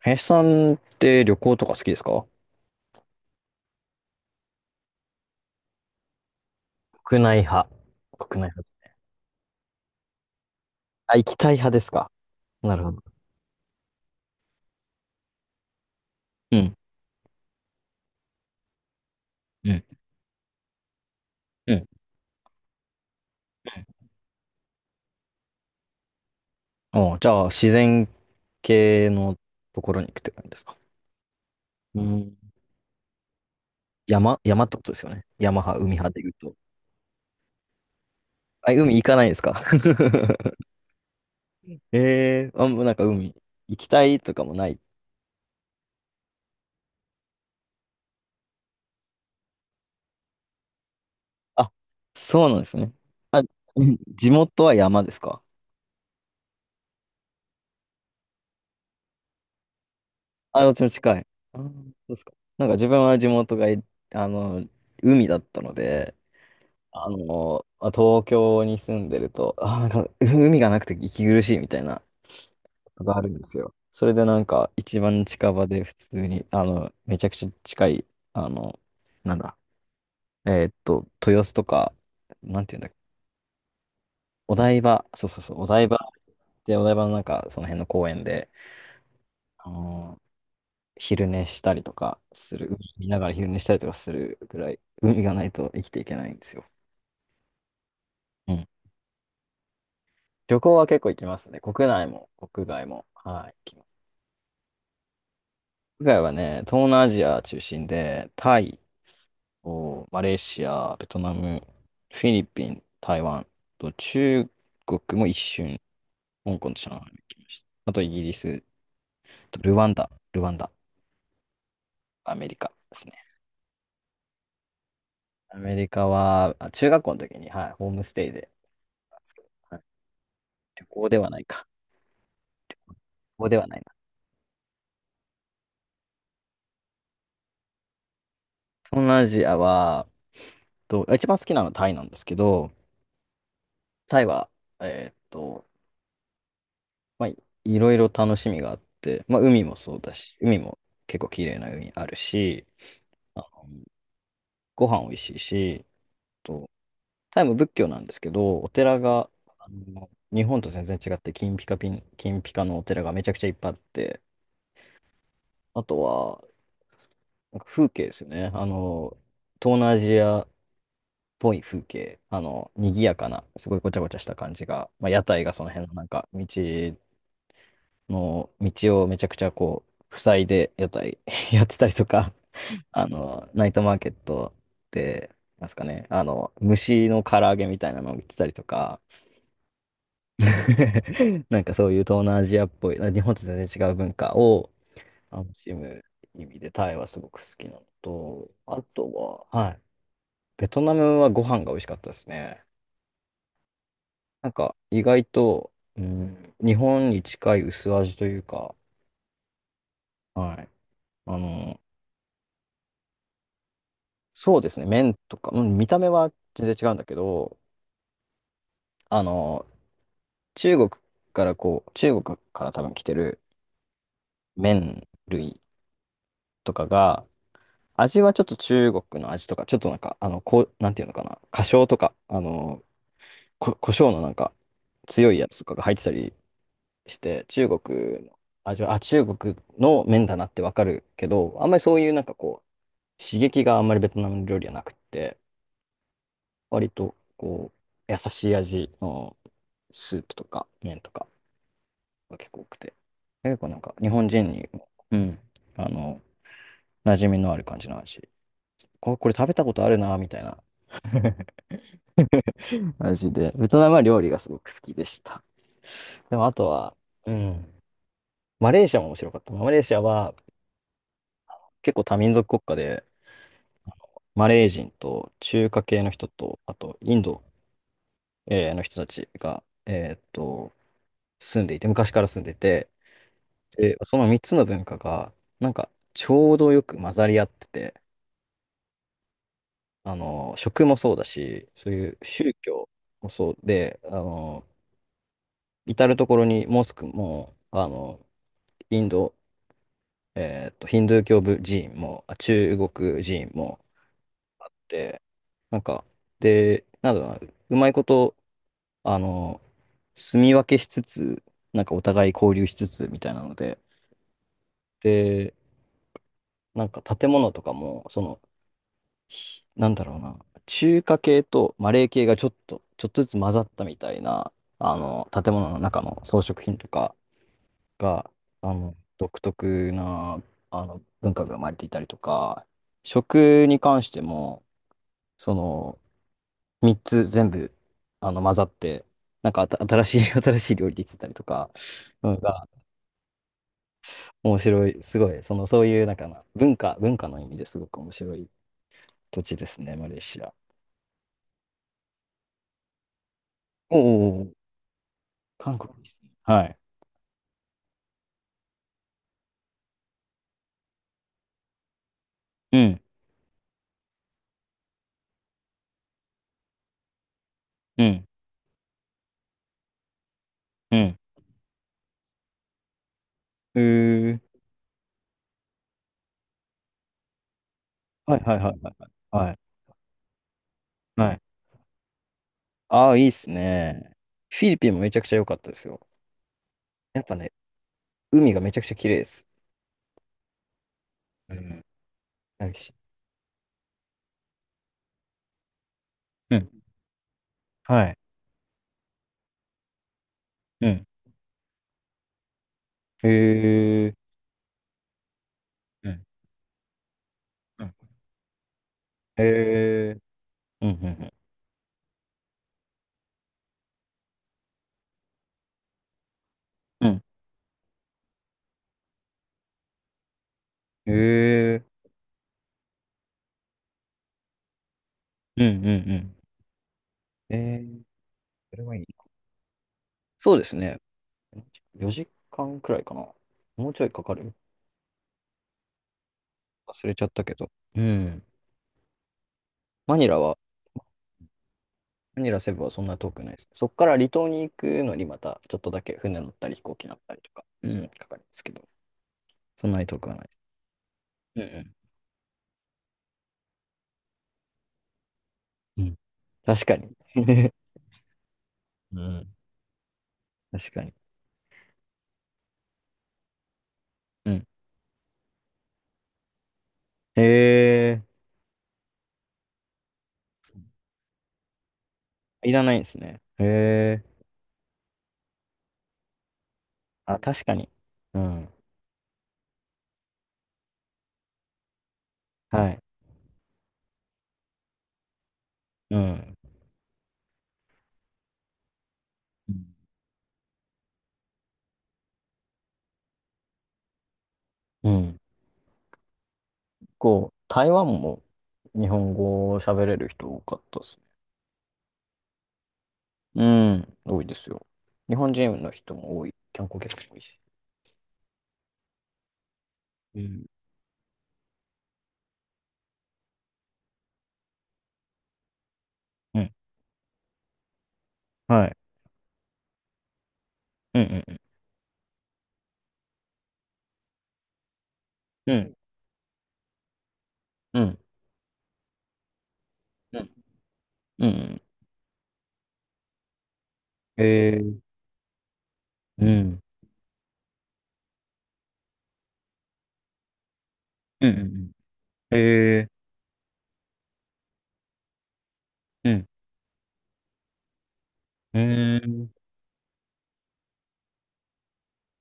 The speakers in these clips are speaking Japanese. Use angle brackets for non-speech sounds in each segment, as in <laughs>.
林さんって旅行とか好きですか？国内派。国内派ですね。あ、行きたい派ですか？なるほど。うん、うん、うん。じゃあ、自然系のところに行くって感じですか？うん。山ってことですよね。山派、海派で言うと。あ、海行かないですか？え。 <laughs> えー。<laughs> あ、もうなんか海行きたいとかもない？あ、そうなんですね。あ、うん、地元は山ですか？あ、どっちも近い。あー、そうですか。なんか自分は地元があの、海だったので、まあ東京に住んでると、なんか海がなくて息苦しいみたいなことがあるんですよ。それでなんか一番近場で普通に、めちゃくちゃ近い、あの、なんだ、豊洲とか、なんていうんだっけ、お台場、そうそうそう、お台場で、お台場のなんかその辺の公園で、あの昼寝したりとかする、海見ながら昼寝したりとかするぐらい、海がないと生きていけないんですよ。うん。旅行は結構行きますね。国内も国外も。はい、行きます。国外はね、東南アジア中心で、タイ、マレーシア、ベトナム、フィリピン、台湾と中国も一瞬、香港と上海に行きました。あとイギリス、とルワンダ、アメリカですね。アメリカは、あ、中学校の時に、はい、ホームステイで、はい、旅行ではないか。ここではないな。東南アジアは、一番好きなのはタイなんですけど、タイは、えーっと、まあ、いろいろ楽しみがあって、まあ、海もそうだし、海も結構綺麗な海あるし、あの、ご飯美味しいし、と、タイも仏教なんですけど、お寺が、日本と全然違って、金ピカのお寺がめちゃくちゃいっぱいあって、あとは、なんか風景ですよね。東南アジアぽい風景、賑やかな、すごいごちゃごちゃした感じが、まあ、屋台がその辺のなんか、道をめちゃくちゃこう、塞いで屋台 <laughs> やってたりとか、ナイトマーケットで、なんですかね、虫の唐揚げみたいなのを売ってたりとか、<laughs> なんかそういう東南アジアっぽい、日本と全然違う文化を楽しむ意味で、タイはすごく好きなのと、あとは、はい、ベトナムはご飯が美味しかったですね。なんか、意外と、うん、日本に近い薄味というか、はい。あの、そうですね、麺とか、うん、見た目は全然違うんだけど、あの、中国中国から多分来てる麺類とかが、味はちょっと中国の味とか、ちょっとなんか、こう、なんていうのかな、花椒とか、胡椒のなんか、強いやつとかが入ってたりして、中国の味は、あ、中国の麺だなってわかるけど、あんまりそういうなんかこう、刺激があんまりベトナム料理はなくって、割とこう、優しい味のスープとか麺とかが結構多くて、結構なんか日本人に、うん、あの、馴染みのある感じの味。これ食べたことあるな、みたいな <laughs> 味で、ベトナムは料理がすごく好きでした。でもあとは、うん、マレーシアも面白かったな。マレーシアは結構多民族国家で、マレー人と中華系の人と、あとインドの人たちが、住んでいて、昔から住んでて、で、その3つの文化が、なんか、ちょうどよく混ざり合ってて、食もそうだし、そういう宗教もそうで、至る所にモスクも、インド、ヒンドゥー教部寺院も、あ、中国寺院も、で、なんか、で、なんだろうな、うまいこと、あの、住み分けしつつ、なんかお互い交流しつつみたいなので、で、なんか建物とかも、そのなんだろうな、中華系とマレー系がちょっとずつ混ざったみたいな、建物の中の装飾品とかが、独特な、文化が生まれていたりとか、食に関しても、その、3つ全部、混ざって、なんか新しい、<laughs> 新しい料理できてたりとか、のが、面白い、すごい、その、そういう、なんかな、文化の意味ですごく面白い土地ですね、マレーシア。おお、韓国ですね。はい。うん、うん、うん。へえ。はいはいはいはいはい。はい。はい。ああ、いいっすね。フィリピンもめちゃくちゃ良かったですよ。やっぱね、海がめちゃくちゃ綺麗です。うん。なんかしうん。はい。うん。へえ。うん。うんへえ。うんうんうん。うん。へえ。うんうんうん。ええ。それはいい。そうですね。4時間くらいかな。もうちょいかかる、忘れちゃったけど。うん。マニラはマニラセブはそんな遠くないです。そこから離島に行くのにまたちょっとだけ船乗ったり飛行機乗ったりとか、うん、かかるんですけど、そんなに遠くはないです。うんうん。うん、確かに。<laughs> うん。確かに。うん。へえ、いらないんですね。へえ。あ、確かに。うん。はい。うん。うん。こう台湾も日本語を喋れる人多かったですね。うん。多いですよ。日本人の人も多い。観光客も多いし。うん。うん。はい。うんうんうん、うん、うん、うん、えー、うん、うん、うん、えん、うん、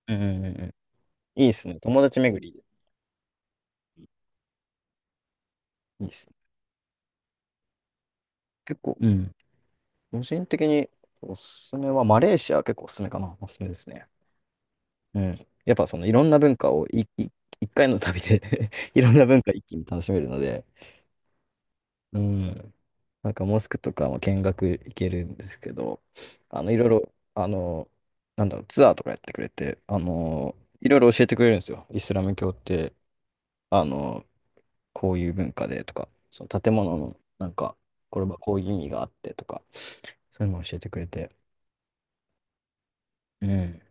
うん、うんうんうん。いいっすね。友達巡り、いいっすね。結構、うん。個人的におすすめは、マレーシア結構おすすめかな。おすすめですね。うん。やっぱそのいろんな文化をいい一回の旅で <laughs> いろんな文化一気に楽しめるので、うん。なんかモスクとかも見学行けるんですけど、いろいろ、なんだろう、ツアーとかやってくれて、いろいろ教えてくれるんですよ。イスラム教って、あの、こういう文化でとか、その建物の、なんか、これはこういう意味があってとか、そういうのを教えてくれて、うん、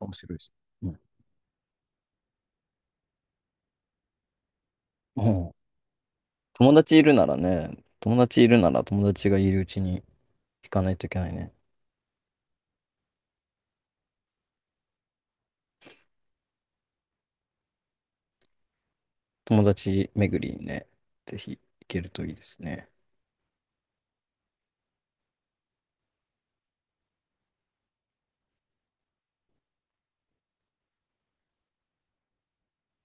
面白いです。うん。もう友達いるなら友達がいるうちに行かないといけないね。友達巡りにね、ぜひ行けるといいですね。